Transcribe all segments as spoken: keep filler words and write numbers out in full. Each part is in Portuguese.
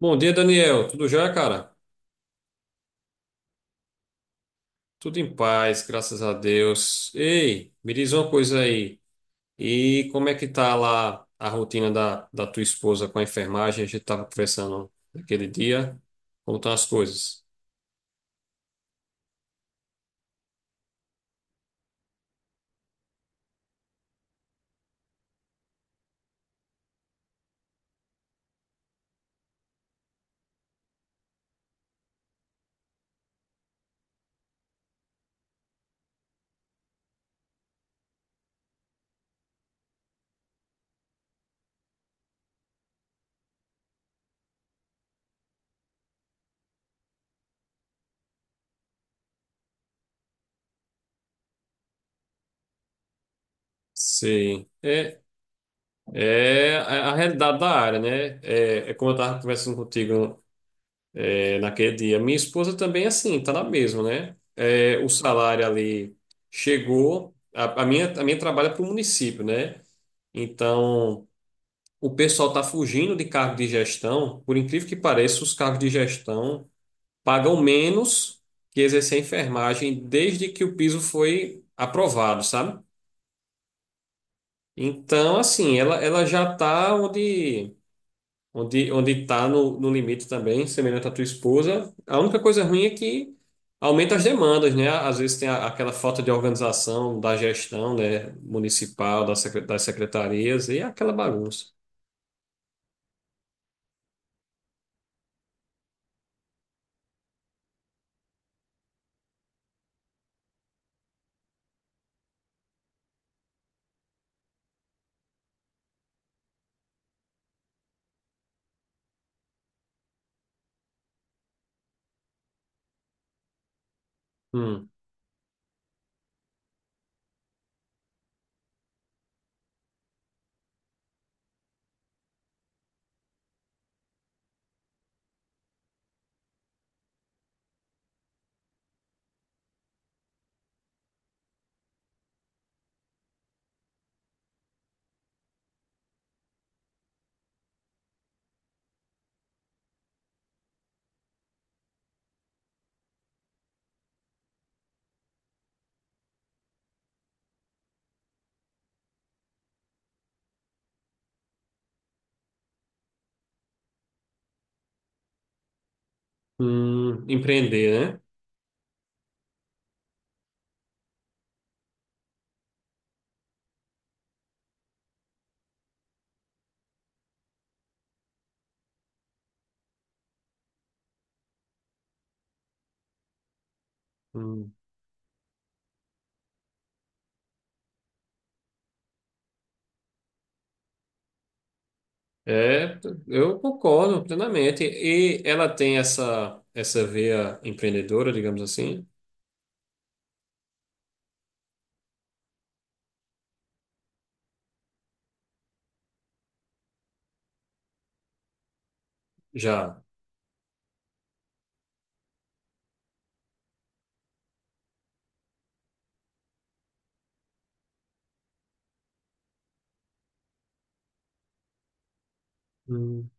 Bom dia, Daniel. Tudo já, cara? Tudo em paz, graças a Deus. Ei, me diz uma coisa aí. E como é que tá lá a rotina da, da tua esposa com a enfermagem? A gente tava conversando naquele dia. Como estão as coisas? Sim. É, é a a realidade da área, né? É, é como eu estava conversando contigo é, naquele dia. Minha esposa também, é assim, tá na mesma, né? É, o salário ali chegou. A, a minha, a minha trabalha para o município, né? Então. O pessoal está fugindo de cargo de gestão. Por incrível que pareça, os cargos de gestão pagam menos que exercer a enfermagem desde que o piso foi aprovado, sabe? Então, assim, ela, ela já está onde onde onde está no, no limite também, semelhante à tua esposa. A única coisa ruim é que aumenta as demandas, né? Às vezes tem a- aquela falta de organização da gestão, né, municipal, da secre- das secretarias e aquela bagunça. Hum, hum, empreender, né? Hum. É, eu concordo plenamente. E ela tem essa, essa veia empreendedora, digamos assim, já. Hum.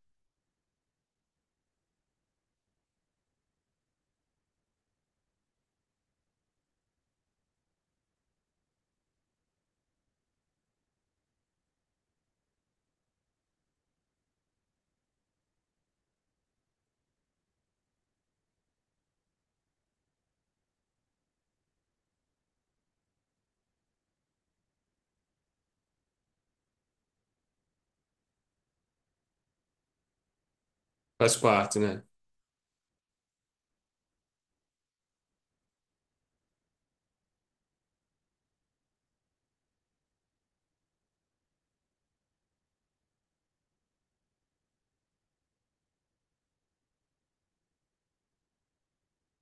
Faz parte, né?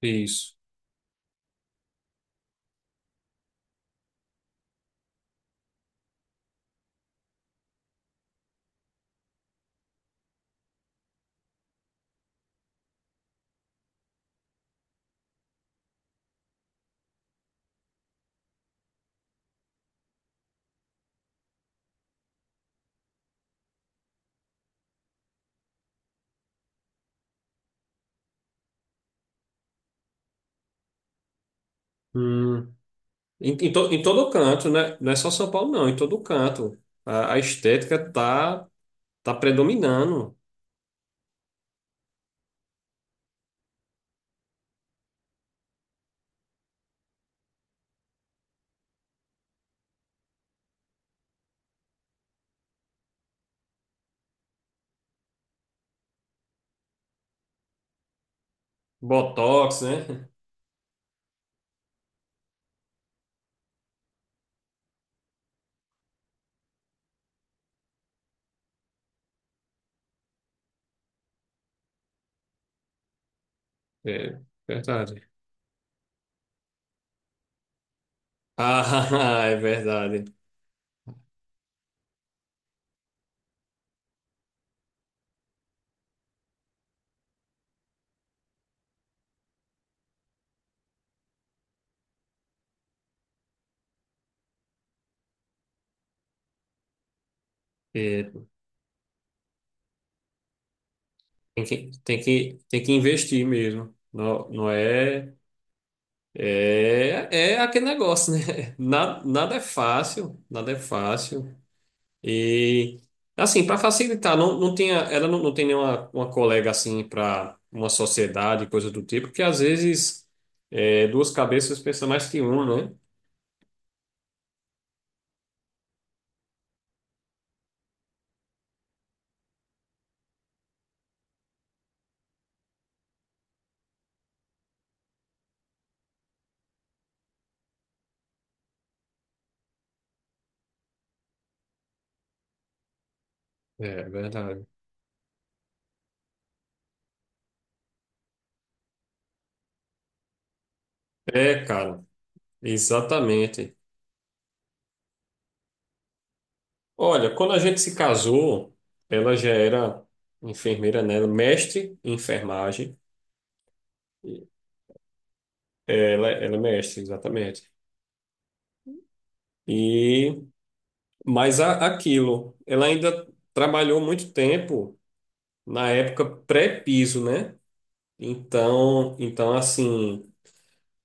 Isso. Hum. Em, em, to- em todo canto, né? Não é só São Paulo, não. Em todo canto. A, a estética tá, tá predominando. Botox, né? É verdade. Ah, é verdade. É, tem que, tem que, tem que investir mesmo. Não, não é. É, é aquele negócio, né? Nada, nada é fácil, nada é fácil. E, assim, para facilitar, não, não tinha, ela não, não tem nenhuma uma colega, assim, para uma sociedade, coisa do tipo, porque às vezes é, duas cabeças pensam mais que uma, né? É, verdade. É, cara, exatamente. Olha, quando a gente se casou, ela já era enfermeira, né? Ela é Mestre em enfermagem. Ela, ela é mestre, exatamente. E mas a- aquilo, ela ainda trabalhou muito tempo na época pré-piso, né? Então, então assim,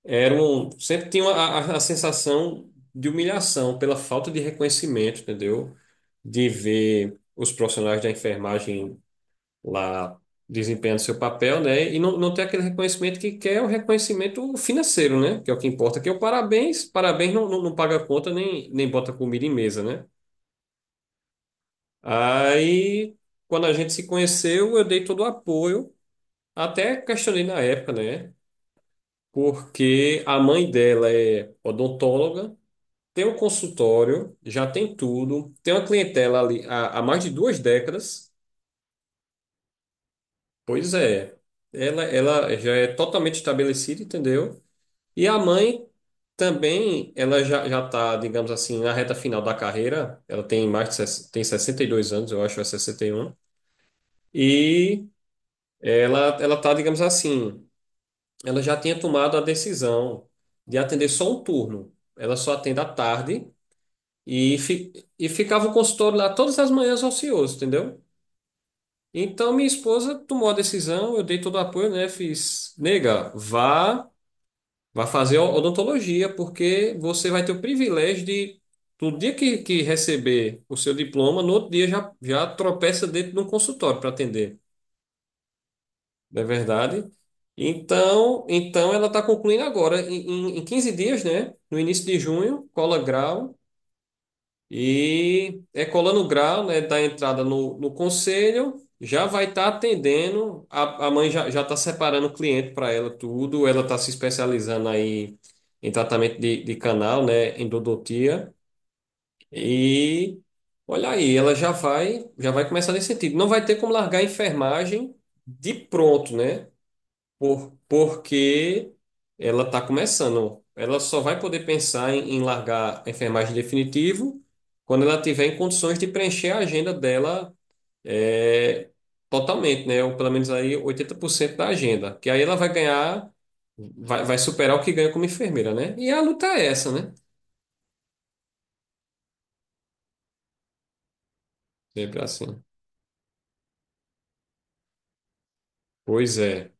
era um, sempre tinha a, a- a sensação de humilhação pela falta de reconhecimento, entendeu? De ver os profissionais da enfermagem lá desempenhando seu papel, né? E não, não ter aquele reconhecimento que quer o reconhecimento financeiro, né? Que é o que importa, que é o parabéns. Parabéns não, não, não paga conta nem, nem bota comida em mesa, né? Aí, quando a gente se conheceu, eu dei todo o apoio, até questionei na época, né? Porque a mãe dela é odontóloga, tem um consultório, já tem tudo, tem uma clientela ali há, há mais de duas décadas. Pois é, ela, ela já é totalmente estabelecida, entendeu? E a mãe também, ela já, já tá, digamos assim, na reta final da carreira, ela tem mais de, ses- tem sessenta e dois anos, eu acho, ou é sessenta e um. E Ela, ela tá, digamos assim, ela já tinha tomado a decisão de atender só um turno. Ela só atende à tarde e, fi, e ficava o consultório lá todas as manhãs ocioso, entendeu? Então minha esposa tomou a decisão, eu dei todo o apoio, né? Fiz, nega, vá, vá fazer odontologia, porque você vai ter o privilégio de, no dia que, que receber o seu diploma, no outro dia já, já tropeça dentro de um consultório para atender. Não é verdade? Então, então ela está concluindo agora, em, em em quinze dias, né? No início de junho, cola grau. E é colando o grau, né? Da entrada no, no conselho, já vai estar atendendo. A, a mãe já já está separando o cliente para ela, tudo. Ela está se especializando aí em tratamento de, de canal, né? Endodontia. E olha aí, ela já vai, já vai começar nesse sentido. Não vai ter como largar a enfermagem de pronto, né? Por, porque ela está começando. Ela só vai poder pensar em, em largar a enfermagem definitivo quando ela tiver em condições de preencher a agenda dela é, totalmente, né? Ou pelo menos aí oitenta por cento da agenda. Que aí ela vai ganhar, vai, vai superar o que ganha como enfermeira, né? E a luta é essa, né? Sempre assim. Pois é.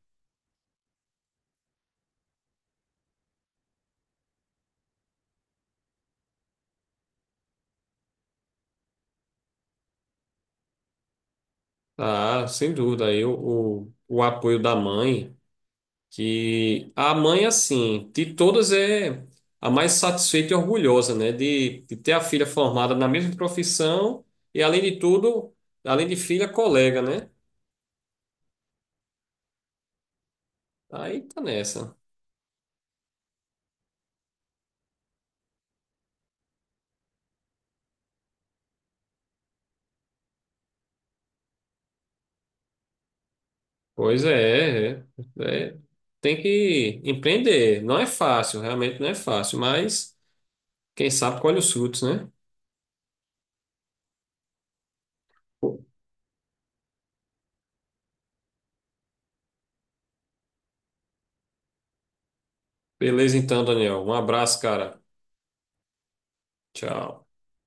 Ah, sem dúvida. Aí o, o, o apoio da mãe. Que a mãe, assim, de todas é a mais satisfeita e orgulhosa, né? De, de ter a filha formada na mesma profissão e, além de tudo, além de filha, colega, né? Aí tá nessa. Pois é, é, é. Tem que empreender. Não é fácil, realmente não é fácil, mas quem sabe colhe os frutos, né? Beleza então, Daniel. Um abraço, cara. Tchau.